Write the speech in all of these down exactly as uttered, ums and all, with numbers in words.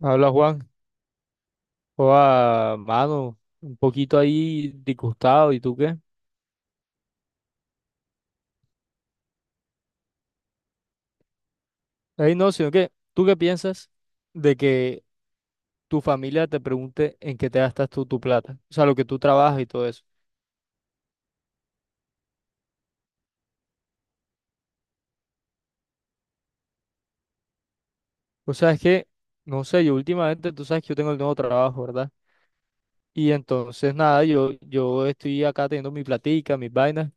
Habla Juan, o a mano, un poquito ahí disgustado, ¿y tú qué? Ahí no, sino que, ¿tú qué piensas de que tu familia te pregunte en qué te gastas tú tu plata? O sea, lo que tú trabajas y todo eso. O sea, es que, no sé, yo últimamente, tú sabes que yo tengo el nuevo trabajo, ¿verdad? Y entonces, nada, yo, yo estoy acá teniendo mi platica, mis vainas.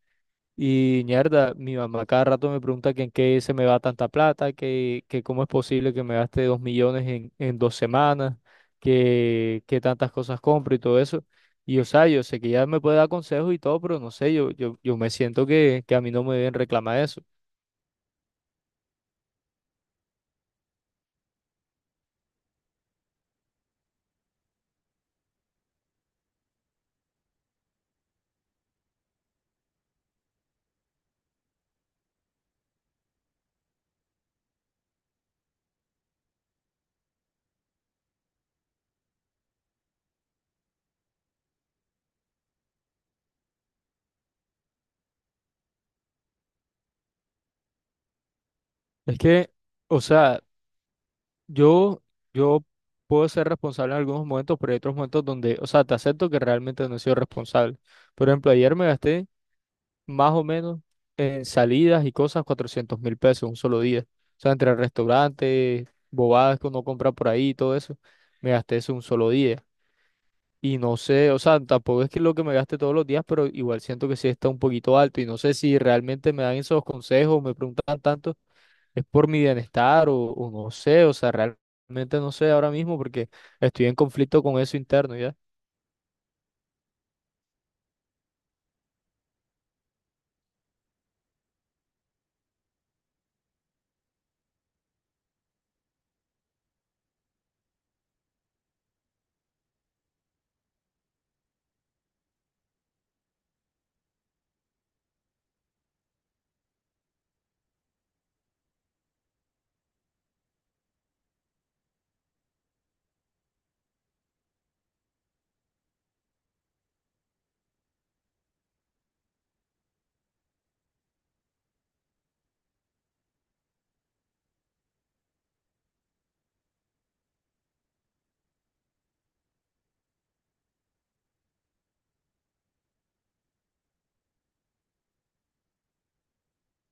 Y mierda, mi mamá cada rato me pregunta que en qué se me va tanta plata, que, que cómo es posible que me gaste dos millones en, en dos semanas, que, que tantas cosas compro y todo eso. Y o sea, yo sé que ella me puede dar consejos y todo, pero no sé, yo, yo, yo me siento que, que a mí no me deben reclamar eso. Es que, o sea, yo, yo puedo ser responsable en algunos momentos, pero hay otros momentos donde, o sea, te acepto que realmente no he sido responsable. Por ejemplo, ayer me gasté más o menos en salidas y cosas cuatrocientos mil pesos un solo día. O sea, entre restaurantes, bobadas que uno compra por ahí y todo eso, me gasté eso un solo día. Y no sé, o sea, tampoco es que lo que me gaste todos los días, pero igual siento que sí está un poquito alto y no sé si realmente me dan esos consejos, me preguntan tanto, es por mi bienestar o, o no sé, o sea, realmente no sé ahora mismo porque estoy en conflicto con eso interno, ¿ya?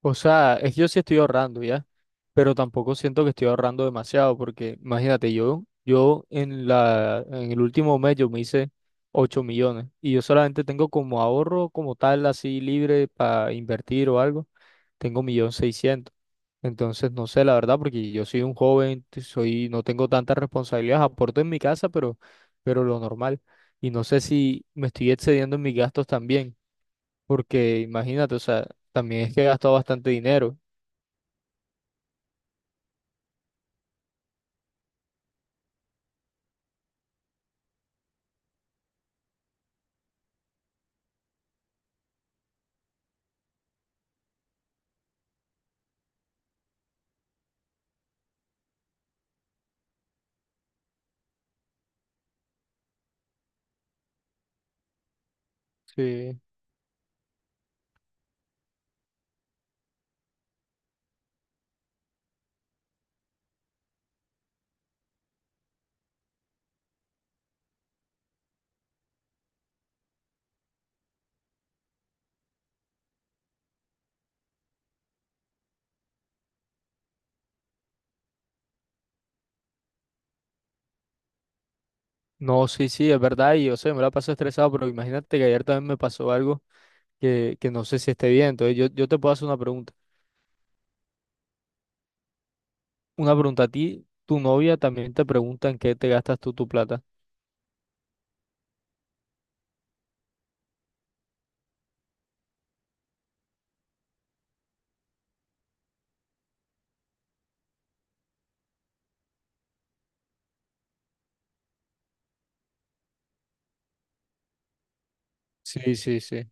O sea, es que yo sí estoy ahorrando, ¿ya? Pero tampoco siento que estoy ahorrando demasiado, porque imagínate, yo, yo en la, en el último mes yo me hice ocho millones y yo solamente tengo como ahorro como tal, así libre para invertir o algo, tengo un millón seiscientos. Entonces, no sé, la verdad, porque yo soy un joven, t- soy, no tengo tantas responsabilidades, aporto en mi casa, pero, pero lo normal. Y no sé si me estoy excediendo en mis gastos también, porque imagínate, o sea, también es que he gastado bastante dinero. Sí. No, sí, sí, es verdad, y yo sé, me la paso estresado, pero imagínate que ayer también me pasó algo que, que no sé si esté bien. Entonces, yo, yo te puedo hacer una pregunta. Una pregunta a ti, tu novia también te pregunta en qué te gastas tú tu plata. Sí, sí, sí.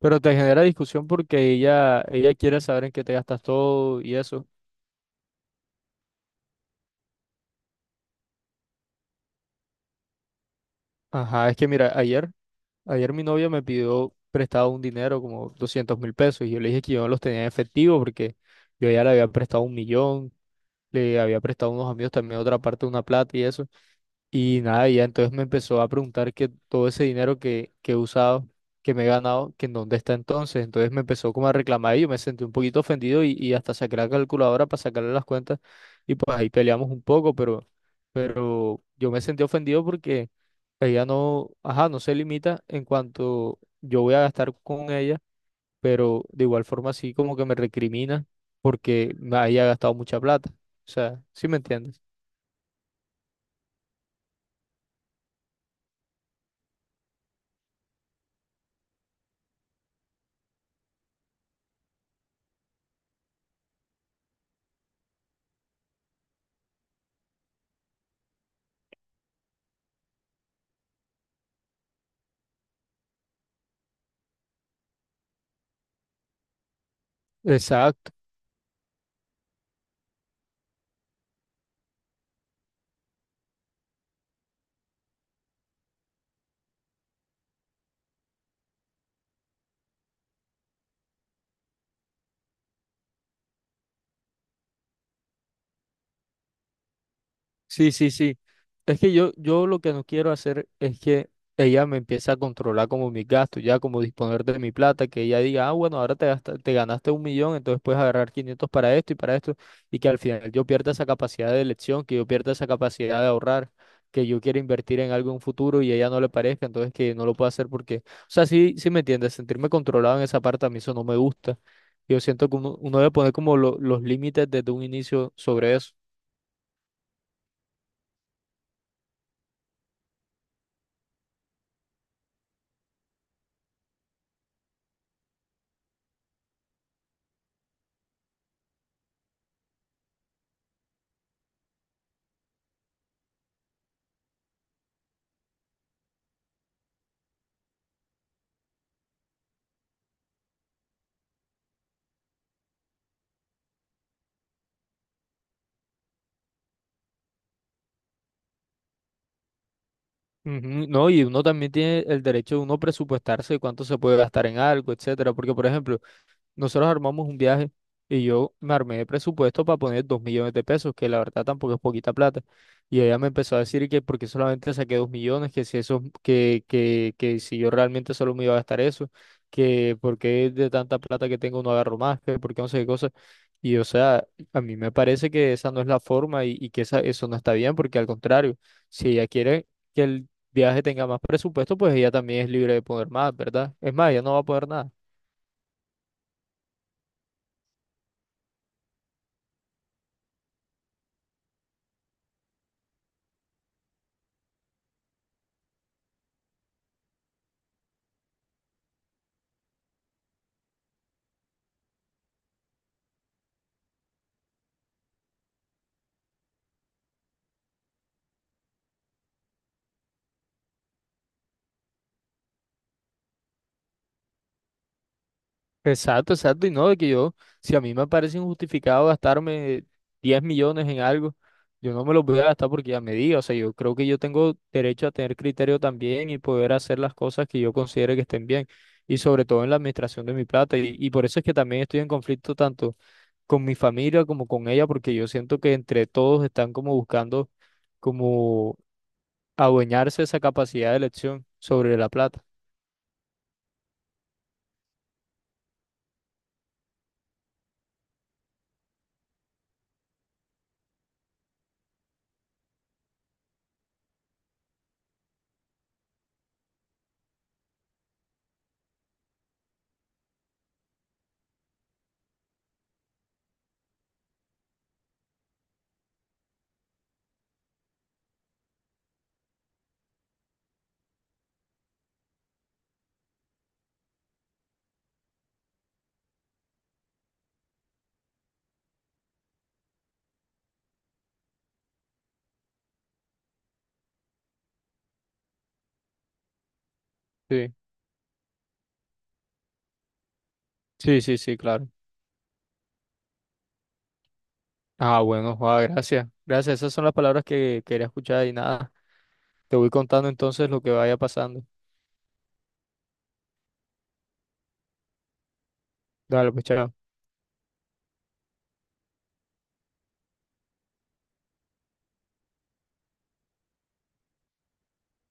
Pero te genera discusión porque ella, ella quiere saber en qué te gastas todo y eso. Ajá, es que mira, ayer, ayer mi novia me pidió prestado un dinero, como doscientos mil pesos, y yo le dije que yo no los tenía en efectivo porque yo ya le había prestado un millón, le había prestado a unos amigos también otra parte de una plata y eso. Y nada, y ya entonces me empezó a preguntar que todo ese dinero que, que he usado, que me he ganado, que en dónde está entonces. Entonces me empezó como a reclamar y yo me sentí un poquito ofendido y, y hasta saqué la calculadora para sacarle las cuentas y pues ahí peleamos un poco, pero, pero yo me sentí ofendido porque ella no, ajá, no se limita en cuanto yo voy a gastar con ella, pero de igual forma sí como que me recrimina porque me haya gastado mucha plata. O sea, ¿sí me entiendes? Exacto. Sí, sí, sí. Es que yo, yo lo que no quiero hacer es que ella me empiece a controlar como mis gastos, ya como disponer de mi plata, que ella diga, ah, bueno, ahora te gasta- te ganaste un millón, entonces puedes agarrar quinientos para esto y para esto, y que al final yo pierda esa capacidad de elección, que yo pierda esa capacidad de ahorrar, que yo quiera invertir en algo en un futuro y a ella no le parezca, entonces que no lo pueda hacer porque, o sea, sí, sí me entiendes, sentirme controlado en esa parte a mí eso no me gusta. Yo siento que uno, uno debe poner como lo- los límites desde un inicio sobre eso. Ujú. No, y uno también tiene el derecho de uno presupuestarse cuánto se puede gastar en algo, etcétera. Porque, por ejemplo, nosotros armamos un viaje y yo me armé de presupuesto para poner dos millones de pesos, que la verdad tampoco es poquita plata. Y ella me empezó a decir que porque solamente saqué dos millones, que si eso, que, que, que si yo realmente solo me iba a gastar eso, que porque de tanta plata que tengo no agarro más, que porque no sé qué cosa. Y o sea, a mí me parece que esa no es la forma y, y que esa, eso no está bien, porque al contrario, si ella quiere que el viaje tenga más presupuesto, pues ella también es libre de poner más, ¿verdad? Es más, ella no va a poner nada. Exacto, exacto. Y no, de que yo, si a mí me parece injustificado gastarme diez millones en algo, yo no me los voy a gastar porque ya me diga. O sea, yo creo que yo tengo derecho a tener criterio también y poder hacer las cosas que yo considere que estén bien. Y sobre todo en la administración de mi plata. Y, y por eso es que también estoy en conflicto tanto con mi familia como con ella, porque yo siento que entre todos están como buscando como adueñarse esa capacidad de elección sobre la plata. Sí, sí, sí, sí, claro. Ah, bueno, Juan, gracias. Gracias, esas son las palabras que quería escuchar y nada. Te voy contando entonces lo que vaya pasando. Dale, pues chao.